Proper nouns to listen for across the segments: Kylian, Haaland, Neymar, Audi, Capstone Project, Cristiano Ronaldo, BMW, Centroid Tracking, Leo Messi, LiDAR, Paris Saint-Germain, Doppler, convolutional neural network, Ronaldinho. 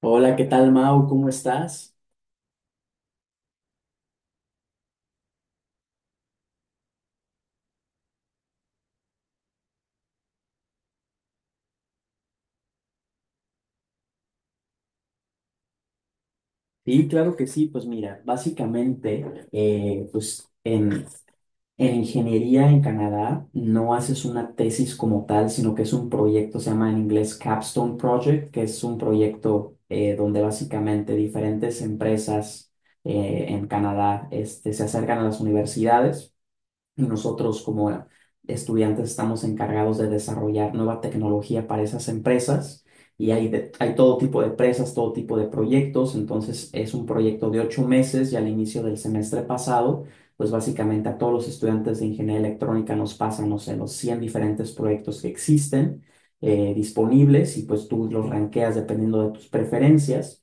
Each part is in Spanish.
Hola, ¿qué tal, Mau? ¿Cómo estás? Sí, claro que sí. Pues mira, básicamente, pues en ingeniería en Canadá no haces una tesis como tal, sino que es un proyecto, se llama en inglés Capstone Project, que es un proyecto donde básicamente diferentes empresas en Canadá este, se acercan a las universidades. Y nosotros como estudiantes estamos encargados de desarrollar nueva tecnología para esas empresas, y hay todo tipo de empresas, todo tipo de proyectos. Entonces es un proyecto de 8 meses y al inicio del semestre pasado, pues básicamente a todos los estudiantes de ingeniería electrónica nos pasan, no sé, los 100 diferentes proyectos que existen, disponibles, y pues tú los ranqueas dependiendo de tus preferencias.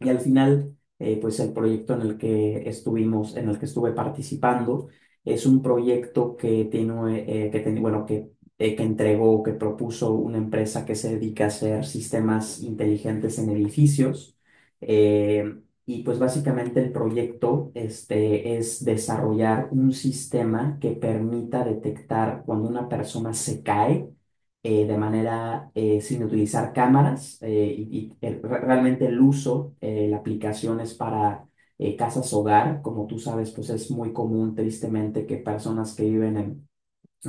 Y al final, pues el proyecto en el que estuvimos, en el que estuve participando, es un proyecto que tiene, que entregó, que propuso una empresa que se dedica a hacer sistemas inteligentes en edificios. Eh, y pues básicamente el proyecto, este, es desarrollar un sistema que permita detectar cuando una persona se cae, de manera sin utilizar cámaras, realmente el uso, la aplicación es para casas hogar. Como tú sabes, pues es muy común tristemente que personas que viven en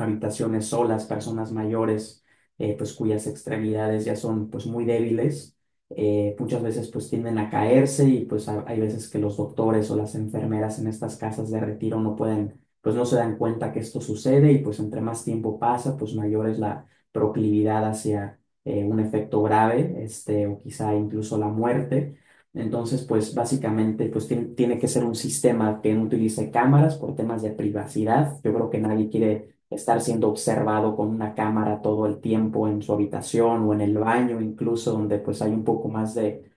habitaciones solas, personas mayores, pues cuyas extremidades ya son pues muy débiles, muchas veces pues tienden a caerse, y pues hay veces que los doctores o las enfermeras en estas casas de retiro no pueden, pues no se dan cuenta que esto sucede, y pues entre más tiempo pasa, pues mayor es la proclividad hacia un efecto grave, este, o quizá incluso la muerte. Entonces, pues básicamente, pues tiene que ser un sistema que no utilice cámaras por temas de privacidad. Yo creo que nadie quiere estar siendo observado con una cámara todo el tiempo en su habitación o en el baño, incluso donde pues hay un poco más de.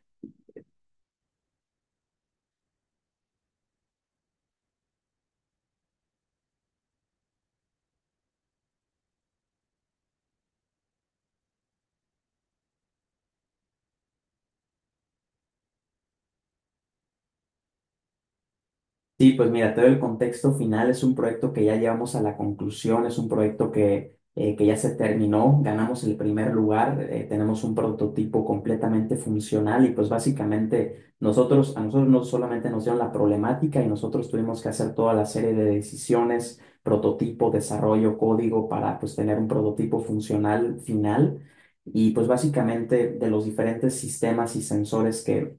Sí, pues mira, te doy el contexto final. Es un proyecto que ya llevamos a la conclusión, es un proyecto que ya se terminó, ganamos el primer lugar, tenemos un prototipo completamente funcional, y pues básicamente nosotros, a nosotros no solamente nos dieron la problemática, y nosotros tuvimos que hacer toda la serie de decisiones, prototipo, desarrollo, código para pues tener un prototipo funcional final. Y pues básicamente de los diferentes sistemas y sensores que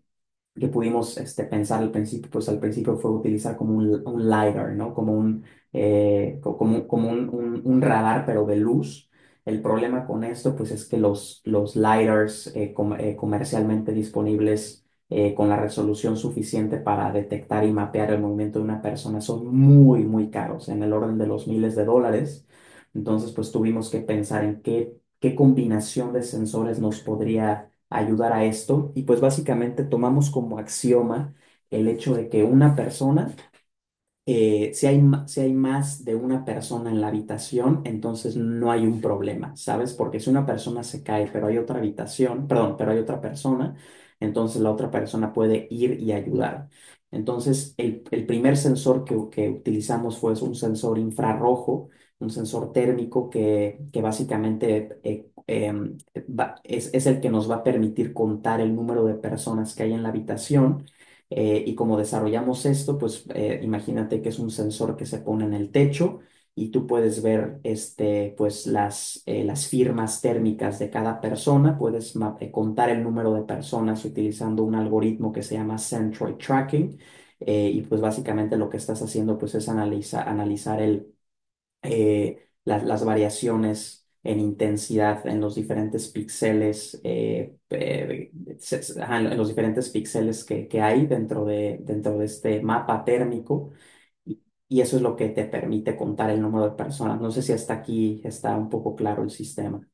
que pudimos este, pensar al principio, pues al principio fue utilizar como un LiDAR, ¿no? Como un, un radar, pero de luz. El problema con esto, pues es que los LiDARs comercialmente disponibles con la resolución suficiente para detectar y mapear el movimiento de una persona son muy, muy caros, en el orden de los miles de dólares. Entonces, pues tuvimos que pensar en qué combinación de sensores nos podría ayudar a esto. Y pues básicamente tomamos como axioma el hecho de que una persona, si si hay más de una persona en la habitación, entonces no hay un problema, ¿sabes? Porque si una persona se cae, pero hay otra habitación, perdón, pero hay otra persona, entonces la otra persona puede ir y ayudar. Entonces, el primer sensor que utilizamos fue un sensor infrarrojo, un sensor térmico que básicamente es el que nos va a permitir contar el número de personas que hay en la habitación, y como desarrollamos esto, pues imagínate que es un sensor que se pone en el techo y tú puedes ver este, pues, las firmas térmicas de cada persona, contar el número de personas utilizando un algoritmo que se llama Centroid Tracking. Y pues básicamente lo que estás haciendo pues es analizar el las variaciones en intensidad en los diferentes píxeles, ajá, en los diferentes píxeles que hay dentro de este mapa térmico. Y, y eso es lo que te permite contar el número de personas. No sé si hasta aquí está un poco claro el sistema.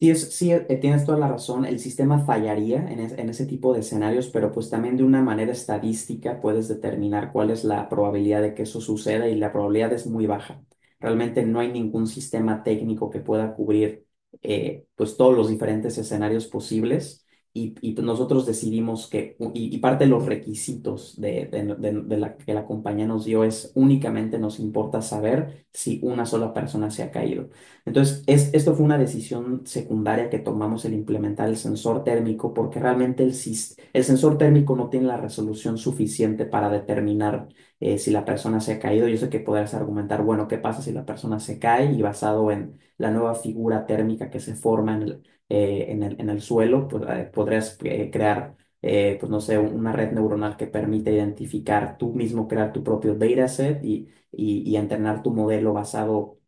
Sí, es, sí, tienes toda la razón. El sistema fallaría en ese tipo de escenarios, pero pues también de una manera estadística puedes determinar cuál es la probabilidad de que eso suceda, y la probabilidad es muy baja. Realmente no hay ningún sistema técnico que pueda cubrir, pues, todos los diferentes escenarios posibles, y pues, nosotros decidimos y parte de los requisitos de la que la compañía nos dio es únicamente nos importa saber si una sola persona se ha caído. Entonces, es, esto fue una decisión secundaria que tomamos el implementar el sensor térmico, porque realmente el sensor térmico no tiene la resolución suficiente para determinar si la persona se ha caído. Yo sé que podrás argumentar, bueno, ¿qué pasa si la persona se cae? Y basado en la nueva figura térmica que se forma en en el suelo, pues, podrías crear, pues no sé, una red neuronal que permite identificar tú mismo, crear tu propio dataset, y entrenar tu modelo basado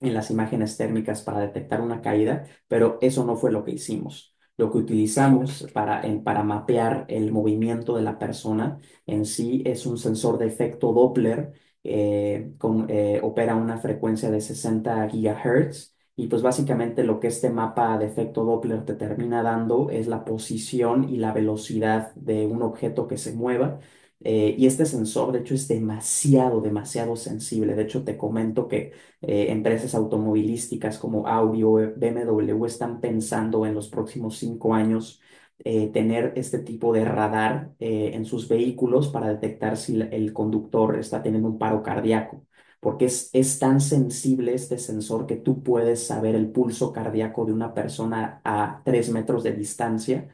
en las imágenes térmicas para detectar una caída, pero eso no fue lo que hicimos. Lo que utilizamos para mapear el movimiento de la persona en sí es un sensor de efecto Doppler, opera a una frecuencia de 60 GHz, y pues básicamente lo que este mapa de efecto Doppler te termina dando es la posición y la velocidad de un objeto que se mueva. Y este sensor, de hecho, es demasiado, demasiado sensible. De hecho, te comento que empresas automovilísticas como Audi o BMW están pensando en los próximos 5 años tener este tipo de radar en sus vehículos para detectar si el conductor está teniendo un paro cardíaco, porque es tan sensible este sensor que tú puedes saber el pulso cardíaco de una persona a 3 metros de distancia.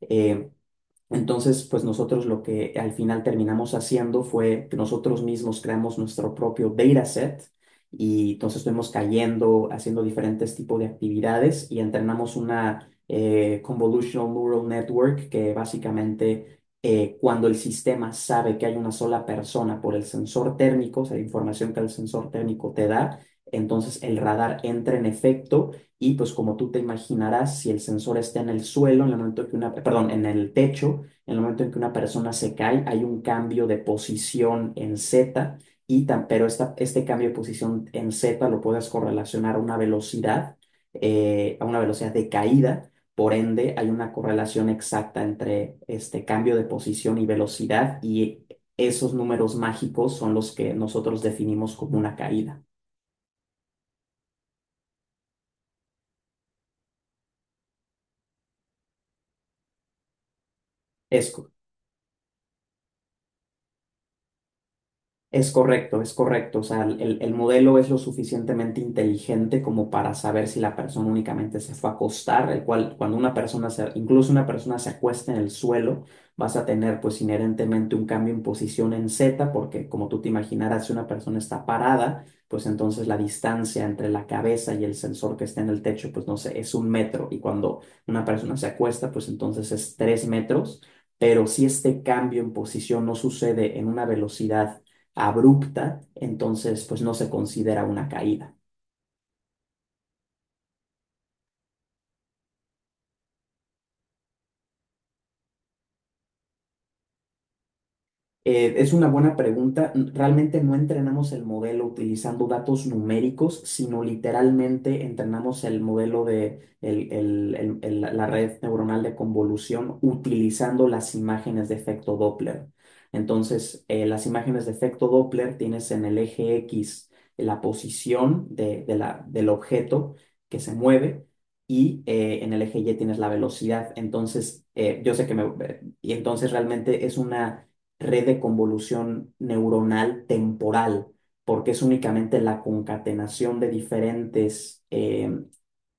eh, entonces, pues nosotros lo que al final terminamos haciendo fue que nosotros mismos creamos nuestro propio dataset, y entonces fuimos cayendo, haciendo diferentes tipos de actividades, y entrenamos una convolutional neural network que básicamente, cuando el sistema sabe que hay una sola persona por el sensor térmico, o sea, la información que el sensor térmico te da, entonces el radar entra en efecto. Y pues como tú te imaginarás, si el sensor está en el suelo, en el momento que una, perdón, en el techo, en el momento en que una persona se cae, hay un cambio de posición en Z, y tan, pero esta, este cambio de posición en Z lo puedes correlacionar a una velocidad de caída. Por ende, hay una correlación exacta entre este cambio de posición y velocidad, y esos números mágicos son los que nosotros definimos como una caída. Es Es correcto, es correcto. O sea, el modelo es lo suficientemente inteligente como para saber si la persona únicamente se fue a acostar, el cual cuando una persona se, incluso una persona se acuesta en el suelo, vas a tener pues inherentemente un cambio en posición en Z, porque como tú te imaginarás, si una persona está parada, pues entonces la distancia entre la cabeza y el sensor que está en el techo, pues no sé, es 1 metro. Y cuando una persona se acuesta, pues entonces es 3 metros. Pero si este cambio en posición no sucede en una velocidad abrupta, entonces pues no se considera una caída. Es una buena pregunta. Realmente no entrenamos el modelo utilizando datos numéricos, sino literalmente entrenamos el modelo de la red neuronal de convolución utilizando las imágenes de efecto Doppler. Entonces, las imágenes de efecto Doppler tienes en el eje X la posición del objeto que se mueve, y en el eje Y tienes la velocidad. Entonces, yo sé que me... y entonces realmente es una red de convolución neuronal temporal, porque es únicamente la concatenación de diferentes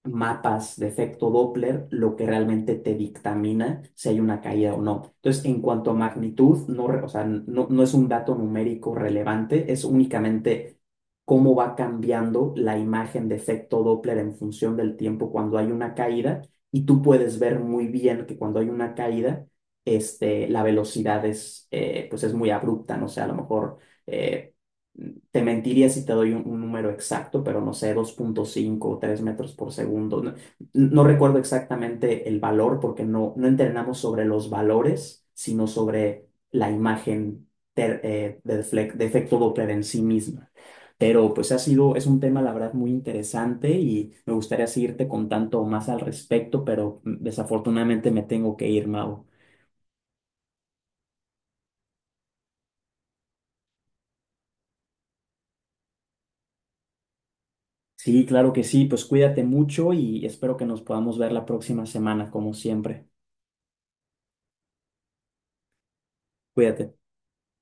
mapas de efecto Doppler lo que realmente te dictamina si hay una caída o no. Entonces, en cuanto a magnitud, no, o sea, no, no es un dato numérico relevante, es únicamente cómo va cambiando la imagen de efecto Doppler en función del tiempo cuando hay una caída. Y tú puedes ver muy bien que cuando hay una caída, este, la velocidad es, pues es muy abrupta, no sé, o sea, a lo mejor. Eh, te mentiría si te doy un número exacto, pero no sé, 2.5 o 3 metros por segundo. No, no recuerdo exactamente el valor porque no, no entrenamos sobre los valores, sino sobre la imagen de efecto Doppler en sí misma. Pero pues ha sido, es un tema la verdad muy interesante y me gustaría seguirte contando más al respecto, pero desafortunadamente me tengo que ir, Mau. Sí, claro que sí, pues cuídate mucho y espero que nos podamos ver la próxima semana, como siempre. Cuídate.